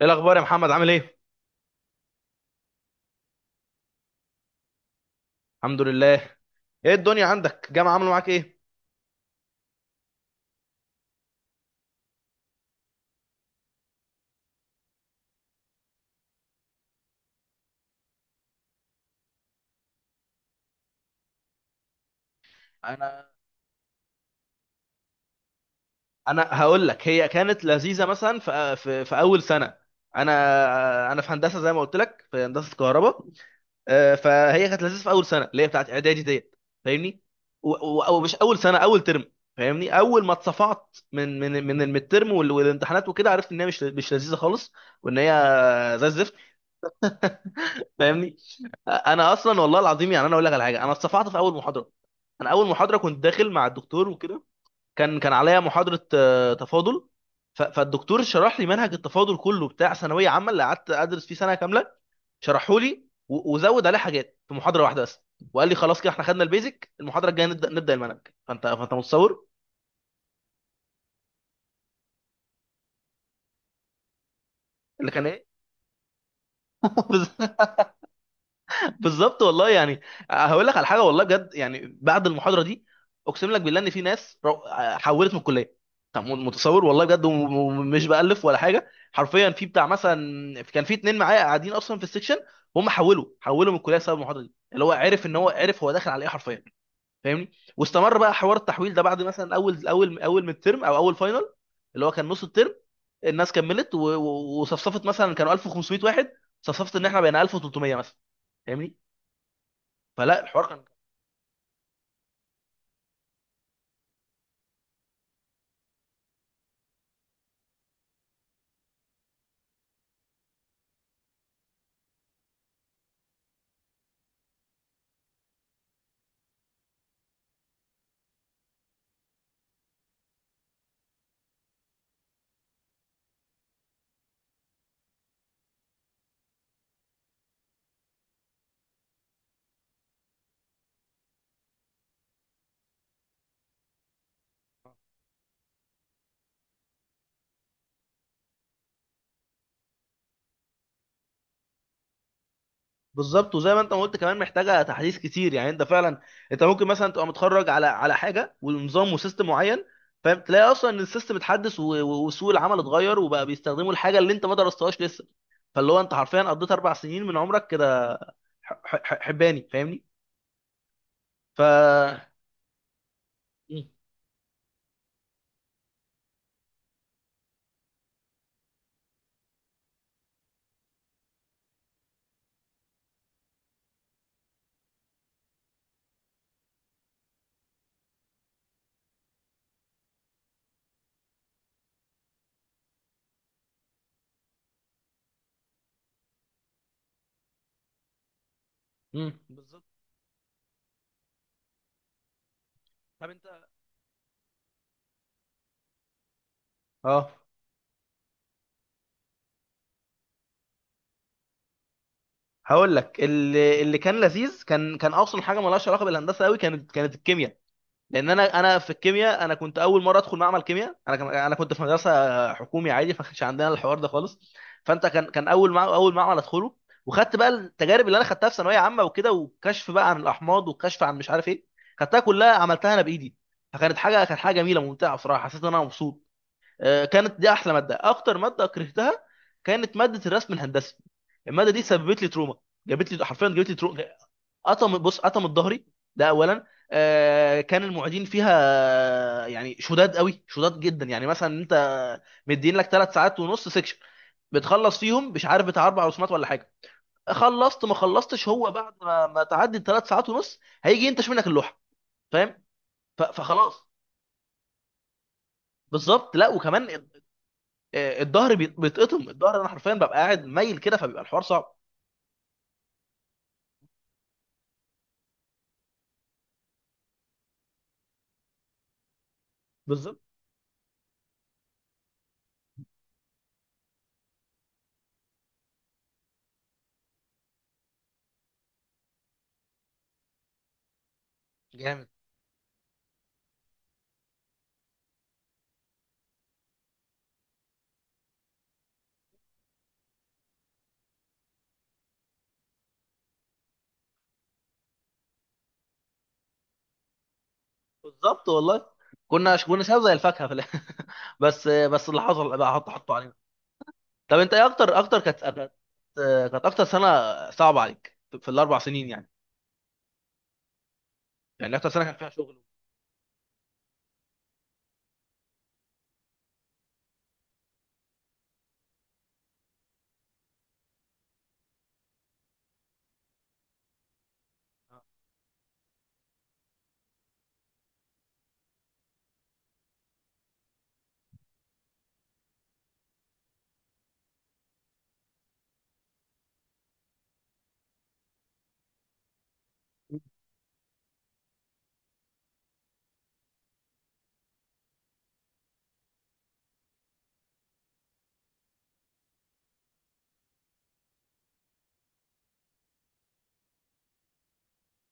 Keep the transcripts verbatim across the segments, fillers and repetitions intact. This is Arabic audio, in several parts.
ايه الاخبار يا محمد؟ عامل ايه؟ الحمد لله. ايه الدنيا عندك؟ جامعه عامله معاك ايه؟ انا انا هقول لك، هي كانت لذيذه مثلا في في, في اول سنه. انا انا في هندسه، زي ما قلت لك، في هندسه كهرباء. آه، فهي كانت لذيذه في اول سنه اللي هي بتاعت اعدادي ديت، فاهمني؟ ومش اول سنه، اول ترم. فاهمني، اول ما اتصفعت من من من الميد ترم وال- والامتحانات وكده، عرفت ان هي مش مش لذيذه خالص، وان هي زي الزفت، فاهمني. انا اصلا والله العظيم، يعني انا اقول لك على حاجه، انا اتصفعت في اول محاضره. انا اول محاضره كنت داخل مع الدكتور وكده، كان كان عليا محاضره آه، تفاضل. ف- فالدكتور شرح لي منهج التفاضل كله بتاع ثانويه عامه، اللي قعدت ادرس فيه سنه كامله، شرحه لي و- وزود عليه حاجات في محاضره واحده بس. وقال لي خلاص كده احنا خدنا البيزك، المحاضره الجايه نبدا نبدا المنهج. فانت فانت متصور؟ اللي كان ايه؟ بالظبط والله، يعني هقول لك على حاجه والله بجد، يعني بعد المحاضره دي اقسم لك بالله ان في ناس رو- حولت من الكليه. طب متصور والله بجد، ومش بألف ولا حاجه حرفيا، في بتاع مثلا كان في اتنين معايا قاعدين اصلا في السكشن، هم حولوا حولوا من الكليه بسبب المحاضره دي، اللي هو عرف ان هو، عرف هو داخل على ايه حرفيا، فاهمني؟ واستمر بقى حوار التحويل ده بعد مثلا اول اول اول من الترم، او اول فاينل اللي هو كان نص الترم. الناس كملت و- و- وصفصفت، مثلا كانوا ألف وخمسمية واحد، صفصفت ان احنا بقينا ألف وثلاثمئة مثلا، فاهمني؟ فلا الحوار كان، بالظبط. وزي ما انت ما قلت كمان، محتاجه تحديث كتير، يعني انت فعلا، انت ممكن مثلا تبقى متخرج على على حاجه ونظام وسيستم معين، فاهم؟ تلاقي اصلا ان السيستم اتحدث، و- و- وسوق العمل اتغير، وبقى بيستخدموا الحاجه اللي انت ما درستهاش لسه. فاللي هو انت حرفيا قضيت اربع سنين من عمرك كده ح- ح- ح- حباني، فاهمني؟ ف مم. مم، بالظبط. طب انت، اه، هقول لك، اللي اللي كان لذيذ، كان كان اصلا حاجه مالهاش علاقه بالهندسه قوي، كانت كانت الكيمياء. لان انا انا في الكيمياء، انا كنت اول مره ادخل معمل كيمياء. انا كان انا كنت في مدرسه حكومي عادي، فما كانش عندنا الحوار ده خالص. فانت كان كان اول، مع اول معمل ادخله، وخدت بقى التجارب اللي انا خدتها في ثانويه عامه وكده، وكشف بقى عن الاحماض، وكشف عن مش عارف ايه، خدتها كلها، عملتها انا بايدي. فكانت حاجه، كانت حاجه جميله ممتعه بصراحه، حسيت ان انا مبسوط. آه، كانت دي احلى ماده. اكتر ماده كرهتها كانت ماده الرسم الهندسي. الماده دي سببت لي تروما، جابت لي حرفيا جابت لي تروما. قطم، بص قطم الظهري، ده اولا. آه كان المعيدين فيها يعني شداد قوي، شداد جدا، يعني مثلا انت مدين لك ثلاث ساعات ونص سكشن، بتخلص فيهم مش عارف بتاع اربع رسومات ولا حاجه، خلصت ما خلصتش، هو بعد ما, ما تعدي الثلاث ساعات ونص هيجي ينتش منك اللوحه، فاهم؟ ف- فخلاص. بالظبط، لا وكمان آه، الظهر بي- بيتقطم الظهر. انا حرفيا ببقى قاعد مايل كده، فبيبقى الحوار صعب. بالظبط. جامد. بالظبط والله. كنا كنا شباب زي الفاكهه في الآخر. بس بس اللي حصل بقى، حط، حطوا علينا. طب انت ايه اكتر، اكتر كانت كانت كانت اكتر سنه صعبه عليك في الاربع سنين، يعني يعني اكتر سنه كان فيها شغل؟ آه.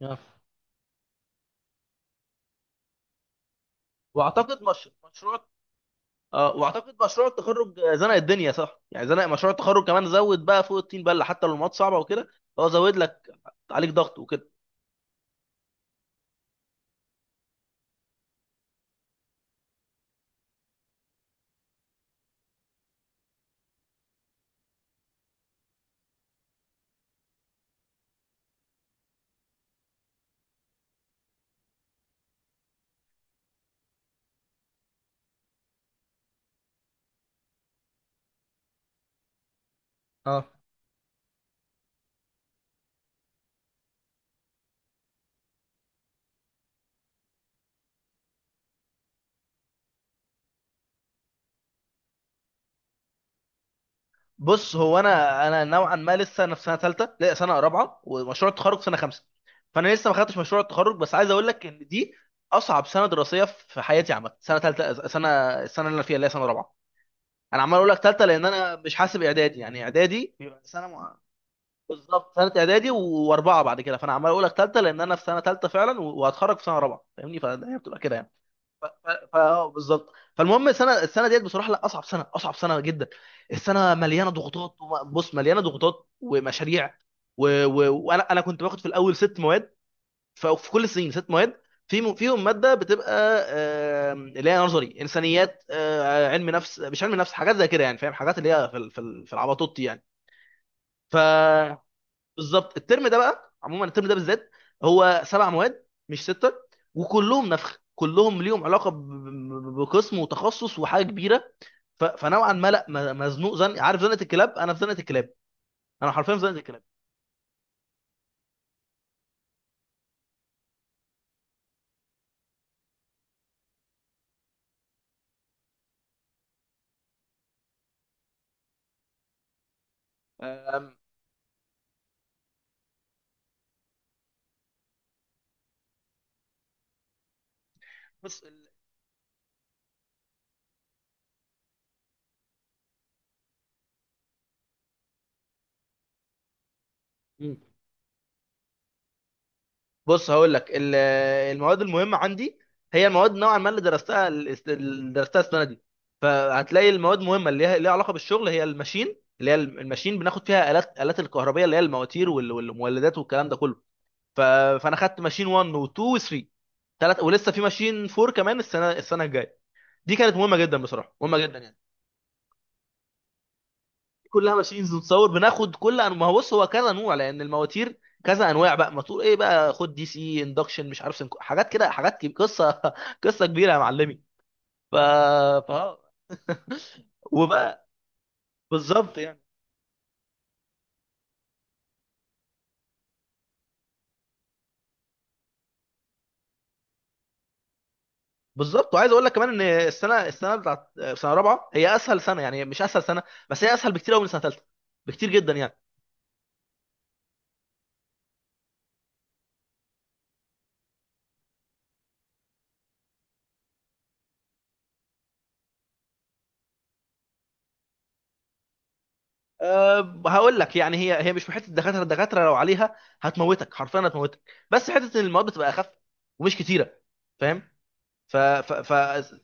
آه. واعتقد مش... مشروع، اه واعتقد مشروع التخرج زنق الدنيا صح؟ يعني زنق مشروع التخرج كمان، زود بقى فوق الطين بله، حتى لو المواد صعبه وكده. هو زود لك عليك ضغط وكده. اه، بص هو انا انا نوعا ما لسه، انا في سنه ثالثه، لا سنه رابعه، ومشروع التخرج سنه خمسه، فانا لسه ما خدتش مشروع التخرج. بس عايز اقول لك ان دي اصعب سنه دراسيه في حياتي عامه. سنه ثالثه، سنه، السنه اللي انا فيها اللي هي سنه رابعه، انا عمال اقول لك ثالثه لان انا مش حاسب اعدادي، يعني اعدادي بيبقى سنه مع... بالظبط، سنه اعدادي واربعه بعد كده، فانا عمال اقول لك ثالثه لان انا في سنه ثالثه فعلا، وهتخرج في سنه رابعه، فاهمني؟ فهي بتبقى كده يعني. ف... ف... ف- آه، بالظبط. فالمهم، السنه السنه ديت بصراحه، لا اصعب سنه، اصعب سنه جدا. السنه مليانه ضغوطات، وم- بص، مليانه ضغوطات ومشاريع. و... و... وانا، انا كنت باخد في الاول ست مواد، ف- في كل السنين ست مواد، في م- فيهم ماده بتبقى آم، اللي هي نظري انسانيات، آه، علم نفس، مش علم نفس، حاجات زي كده يعني، فاهم، حاجات اللي هي في ال- في ال- في العباطوط يعني. ف، بالظبط. الترم ده بقى عموما، الترم ده بالذات هو سبع مواد مش سته، وكلهم نفخ، كلهم ليهم علاقه ب- ب- بقسم وتخصص وحاجه كبيره. ف- فنوعا ما لا، م- مزنوق، زن، عارف زنقه الكلاب؟ انا في زنقه الكلاب، انا حرفيا في زنقه الكلاب. أم، بس ال- بص هقول لك، ال- المواد المهمه عندي هي المواد نوعا ما اللي درستها الاس- اللي درستها السنه دي. فهتلاقي المواد مهمه، اللي هي ليها علاقه بالشغل، هي الماشين. اللي هي الماشين بناخد فيها الات، الات الكهربيه، اللي هي المواتير وال- والمولدات والكلام ده كله. ف... فانا خدت ماشين ون و2 و3، ثلاث، ولسه في ماشين فور كمان السنه، السنه الجايه. دي كانت مهمه جدا بصراحه، مهمه جدا يعني. كلها ماشينز، نتصور بناخد كل انواع، ما هو بص هو كذا نوع، لان المواتير كذا انواع بقى، موتور ايه بقى، خد دي سي، اندكشن، مش عارف سنكو. حاجات كده، حاجات كب... قصه، قصه كبيره يا معلمي. ف، ف، وبقى بالظبط يعني. بالظبط، وعايز اقول لك كمان ان السنه، السنه بتاعت سنه رابعه، هي اسهل سنه، يعني مش اسهل سنه، بس هي اسهل بكتير قوي من سنه ثالثه، بكتير جدا يعني. أه هقول لك، يعني هي، هي مش في حته الدكاتره، الدكاتره لو عليها هتموتك حرفيا، هتموتك. بس حته إن المواد بتبقى اخف ومش كتيره، فاهم؟ ف, ف, ف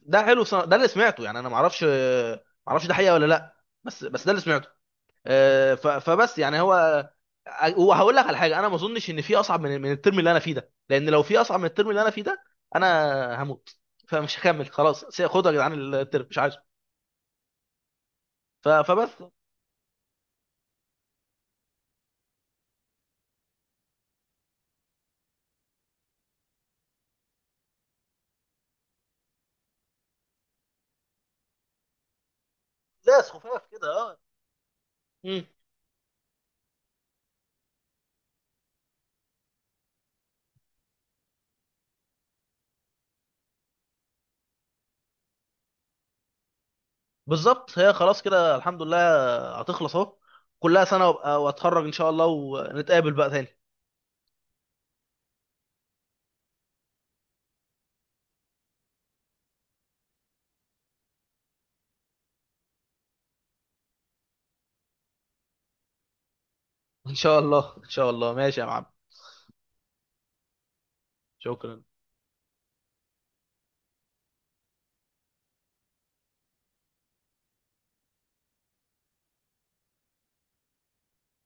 ده حلو، صنا- ده اللي سمعته يعني، انا ما اعرفش، ما اعرفش ده حقيقه ولا لا، بس بس ده اللي سمعته. أه ف, فبس يعني هو، وهقول لك على حاجه، انا ما اظنش ان في اصعب من من الترم اللي انا فيه ده، لان لو في اصعب من الترم اللي انا فيه ده، انا هموت، فمش هكمل خلاص، خدوا يا جدعان الترم مش عايزه. ف- فبس. زي سخفاف كده. اه بالظبط. هي خلاص كده الحمد لله، هتخلص اهو، كلها سنة وابقى واتخرج ان شاء الله، ونتقابل بقى تاني. ان شاء الله ان شاء الله، ماشي يا معلم. شكرا.